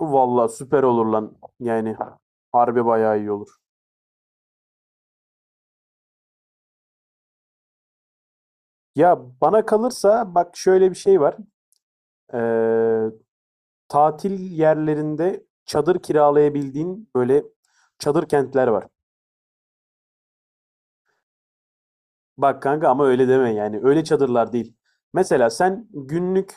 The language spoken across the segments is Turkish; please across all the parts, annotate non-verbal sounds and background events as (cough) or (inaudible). Vallahi süper olur lan. Yani harbi bayağı iyi olur. Ya bana kalırsa bak şöyle bir şey var. Ee, tatil yerlerinde çadır kiralayabildiğin böyle çadır kentler var. Bak kanka ama öyle deme yani. Öyle çadırlar değil. Mesela sen günlük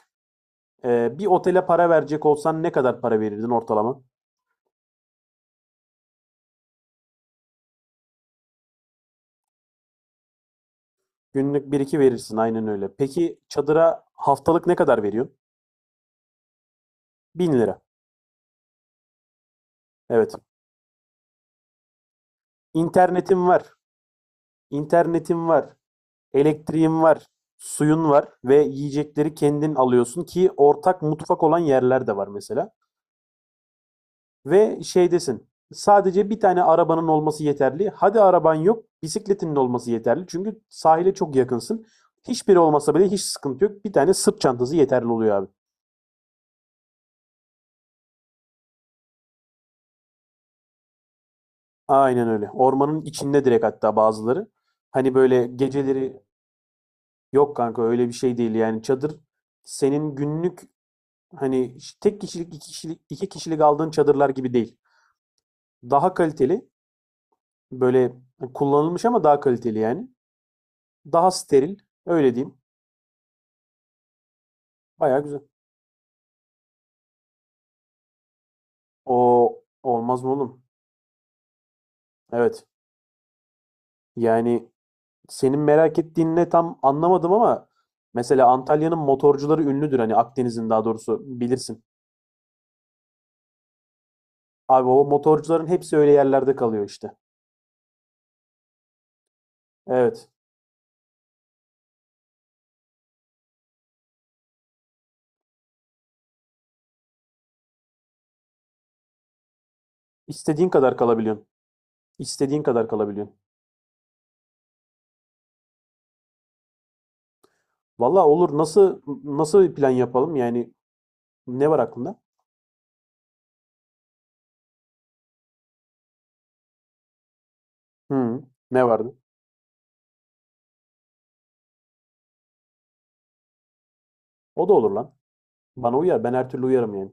bir otele para verecek olsan ne kadar para verirdin ortalama? Günlük bir iki verirsin aynen öyle. Peki çadıra haftalık ne kadar veriyorsun? 1.000 lira. Evet. İnternetin var. İnternetin var. Elektriğin var, suyun var ve yiyecekleri kendin alıyorsun ki ortak mutfak olan yerler de var mesela. Ve şey desin, sadece bir tane arabanın olması yeterli. Hadi araban yok, bisikletinin olması yeterli. Çünkü sahile çok yakınsın. Hiçbiri olmasa bile hiç sıkıntı yok. Bir tane sırt çantası yeterli oluyor abi. Aynen öyle. Ormanın içinde direkt hatta bazıları. Hani böyle geceleri yok kanka öyle bir şey değil yani çadır senin günlük hani tek kişilik iki kişilik aldığın çadırlar gibi değil. Daha kaliteli. Böyle kullanılmış ama daha kaliteli yani. Daha steril. Öyle diyeyim. Baya güzel. O olmaz mı oğlum? Evet. Yani senin merak ettiğin ne tam anlamadım ama mesela Antalya'nın motorcuları ünlüdür. Hani Akdeniz'in daha doğrusu bilirsin. Abi o motorcuların hepsi öyle yerlerde kalıyor işte. Evet. İstediğin kadar kalabiliyorsun. İstediğin kadar kalabiliyorsun. Valla olur. Nasıl bir plan yapalım? Yani ne var aklında? Hı, ne vardı? O da olur lan. Bana uyar. Ben her türlü uyarım yani.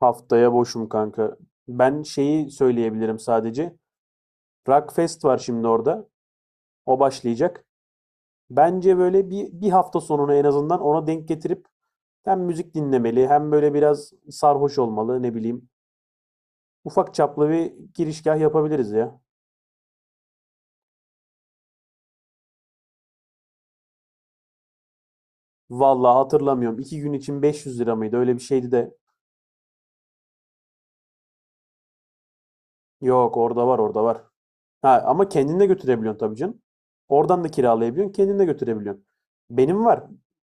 Haftaya boşum kanka. Ben şeyi söyleyebilirim sadece. Rockfest var şimdi orada. O başlayacak. Bence böyle bir hafta sonunu en azından ona denk getirip hem müzik dinlemeli hem böyle biraz sarhoş olmalı ne bileyim. Ufak çaplı bir girişgah yapabiliriz ya. Vallahi hatırlamıyorum. İki gün için 500 lira mıydı? Öyle bir şeydi de. Yok orada var orada var. Ha, ama kendin götürebiliyorsun tabii canım. Oradan da kiralayabiliyorsun, kendin götürebiliyorsun. Benim var.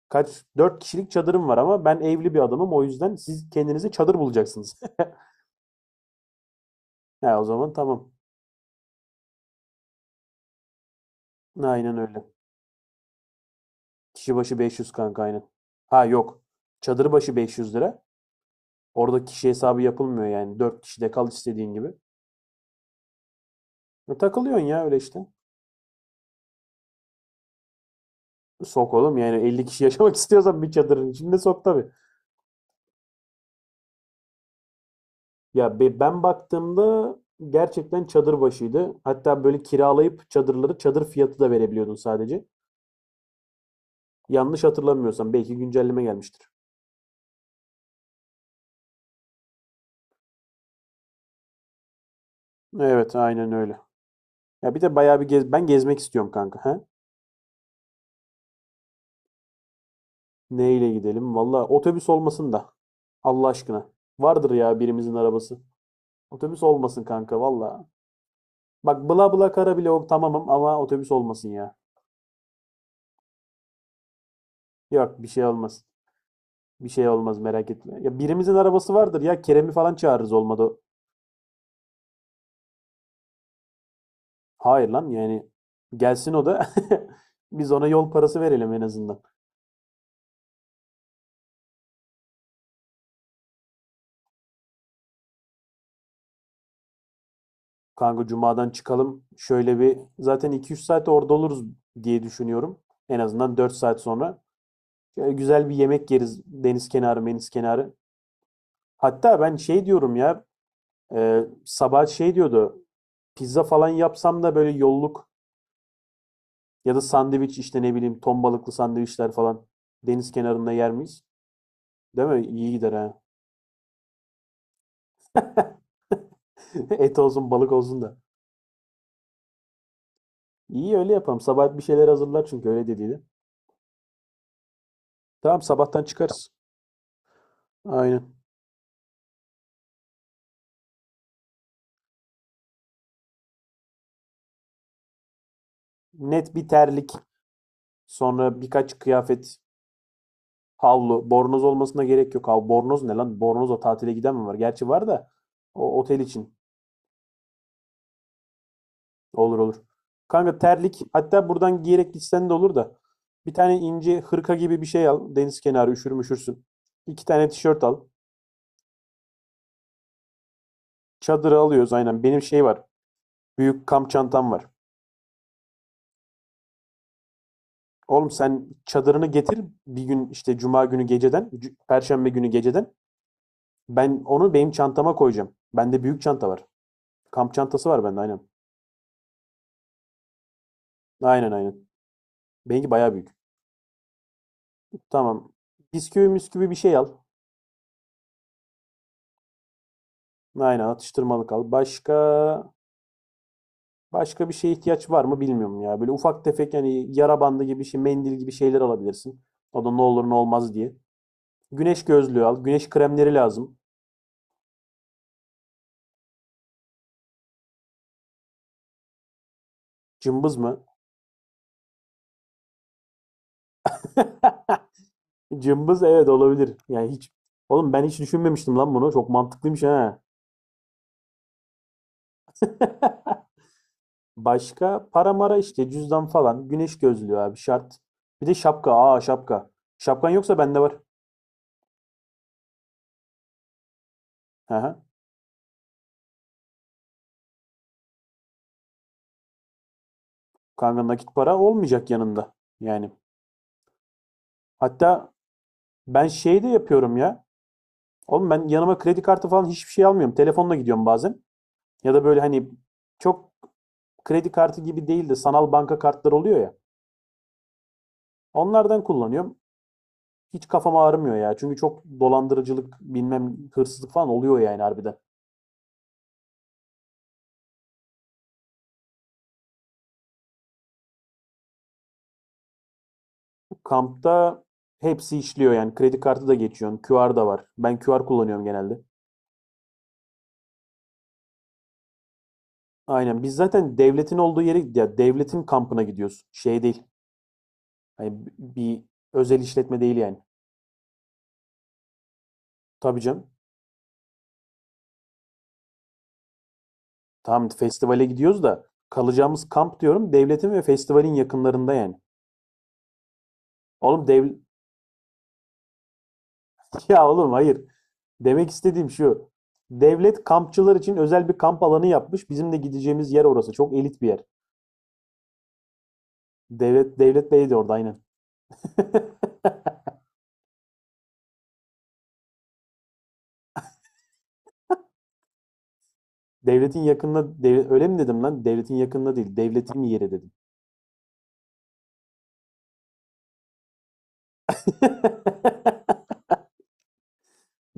Kaç, dört kişilik çadırım var ama ben evli bir adamım. O yüzden siz kendinize çadır bulacaksınız. (laughs) Ha, o zaman tamam. Aynen öyle. Kişi başı 500 kanka aynen. Ha yok. Çadır başı 500 lira. Orada kişi hesabı yapılmıyor yani. Dört kişide kal istediğin gibi. E, takılıyorsun ya öyle işte. Sok oğlum yani 50 kişi yaşamak (laughs) istiyorsan bir çadırın içinde sok tabii. Ya ben baktığımda gerçekten çadır başıydı. Hatta böyle kiralayıp çadırları çadır fiyatı da verebiliyordun sadece. Yanlış hatırlamıyorsam belki güncelleme gelmiştir. Evet, aynen öyle. Ya bir de bayağı bir gez ben gezmek istiyorum kanka. He? Neyle gidelim? Valla otobüs olmasın da. Allah aşkına. Vardır ya birimizin arabası. Otobüs olmasın kanka valla. Bak bla bla kara bile o tamamım ama otobüs olmasın ya. Yok bir şey olmaz. Bir şey olmaz merak etme. Ya birimizin arabası vardır ya Kerem'i falan çağırırız olmadı. Hayır lan yani gelsin o da (laughs) biz ona yol parası verelim en azından. Kanka cumadan çıkalım şöyle bir zaten 2-3 saat orada oluruz diye düşünüyorum. En azından 4 saat sonra. Şöyle güzel bir yemek yeriz deniz kenarı meniz kenarı. Hatta ben şey diyorum ya sabah şey diyordu pizza falan yapsam da böyle yolluk ya da sandviç işte ne bileyim ton balıklı sandviçler falan deniz kenarında yer miyiz? Değil mi? İyi gider ha. (laughs) Et olsun balık olsun da. İyi öyle yapalım. Sabah bir şeyler hazırlar çünkü öyle dediydi. Tamam sabahtan çıkarız. Aynen. Net bir terlik. Sonra birkaç kıyafet. Havlu. Bornoz olmasına gerek yok. Hav bornoz ne lan? Bornozla tatile giden mi var? Gerçi var da o otel için. Olur olur. Kanka terlik. Hatta buradan giyerek gitsen de olur da. Bir tane ince hırka gibi bir şey al. Deniz kenarı üşür müşürsün. İki tane tişört al. Çadırı alıyoruz aynen. Benim şey var. Büyük kamp çantam var. Oğlum sen çadırını getir bir gün işte cuma günü geceden, perşembe günü geceden. Ben onu benim çantama koyacağım. Bende büyük çanta var. Kamp çantası var bende aynen. Aynen. Benimki bayağı büyük. Tamam. Bisküvi müsküvi bir şey al. Aynen atıştırmalık al. Başka bir şeye ihtiyaç var mı bilmiyorum ya. Böyle ufak tefek yani yara bandı gibi şey, mendil gibi şeyler alabilirsin. O da ne olur ne olmaz diye. Güneş gözlüğü al. Güneş kremleri lazım. Cımbız mı? (laughs) Cımbız evet olabilir. Yani hiç oğlum ben hiç düşünmemiştim lan bunu. Çok mantıklıymış ha. (laughs) Başka para mara işte cüzdan falan. Güneş gözlüğü abi şart. Bir de şapka. Aa şapka. Şapkan yoksa bende var. Hı hı. Kanka nakit para olmayacak yanında. Yani hatta ben şey de yapıyorum ya. Oğlum ben yanıma kredi kartı falan hiçbir şey almıyorum. Telefonla gidiyorum bazen. Ya da böyle hani çok kredi kartı gibi değil de sanal banka kartları oluyor ya. Onlardan kullanıyorum. Hiç kafam ağrımıyor ya. Çünkü çok dolandırıcılık, bilmem hırsızlık falan oluyor yani harbiden. Kampta hepsi işliyor yani. Kredi kartı da geçiyorsun. QR da var. Ben QR kullanıyorum genelde. Aynen. Biz zaten devletin olduğu yere ya devletin kampına gidiyoruz. Şey değil. Hani bir özel işletme değil yani. Tabii canım. Tamam festivale gidiyoruz da kalacağımız kamp diyorum devletin ve festivalin yakınlarında yani. Oğlum (laughs) ya oğlum hayır. Demek istediğim şu. Devlet kampçılar için özel bir kamp alanı yapmış. Bizim de gideceğimiz yer orası. Çok elit bir yer. Devlet Devlet Bey de orada aynen. (laughs) Devletin yakınına devlet öyle mi dedim lan? Devletin yakınına değil. Devletin yeri dedim. (laughs)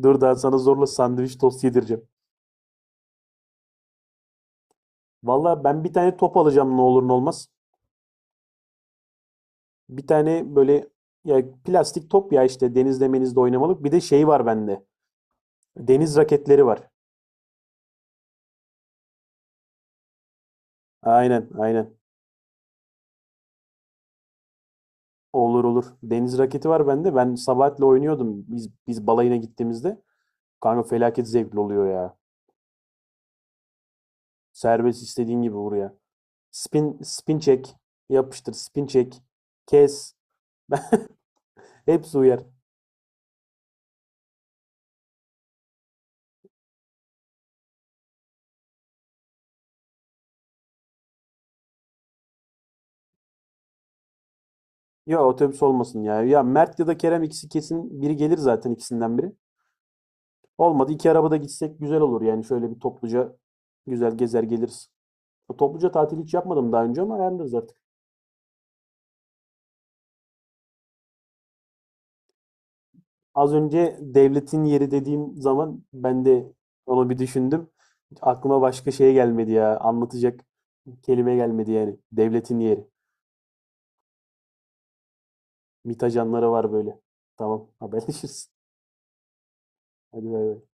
Dur daha sana zorla sandviç tost yedireceğim. Valla ben bir tane top alacağım ne olur ne olmaz. Bir tane böyle ya plastik top ya işte denizde menizde oynamalık. Bir de şey var bende. Deniz raketleri var. Aynen. Olur olur. Deniz raketi var bende. Ben Sabahat'le oynuyordum biz balayına gittiğimizde. Kanka felaket zevkli oluyor ya. Serbest istediğin gibi vur ya. Spin çek. Yapıştır spin çek. Kes. (laughs) Hepsi uyar. Ya otobüs olmasın ya. Ya Mert ya da Kerem ikisi kesin biri gelir zaten ikisinden biri. Olmadı iki arabada gitsek güzel olur yani şöyle bir topluca güzel gezer geliriz. Topluca tatil hiç yapmadım daha önce ama ayarlarız artık. Az önce devletin yeri dediğim zaman ben de onu bir düşündüm. Aklıma başka şey gelmedi ya. Anlatacak kelime gelmedi yani. Devletin yeri. MİT ajanları var böyle. Tamam, haberleşiriz. Hadi bay bay.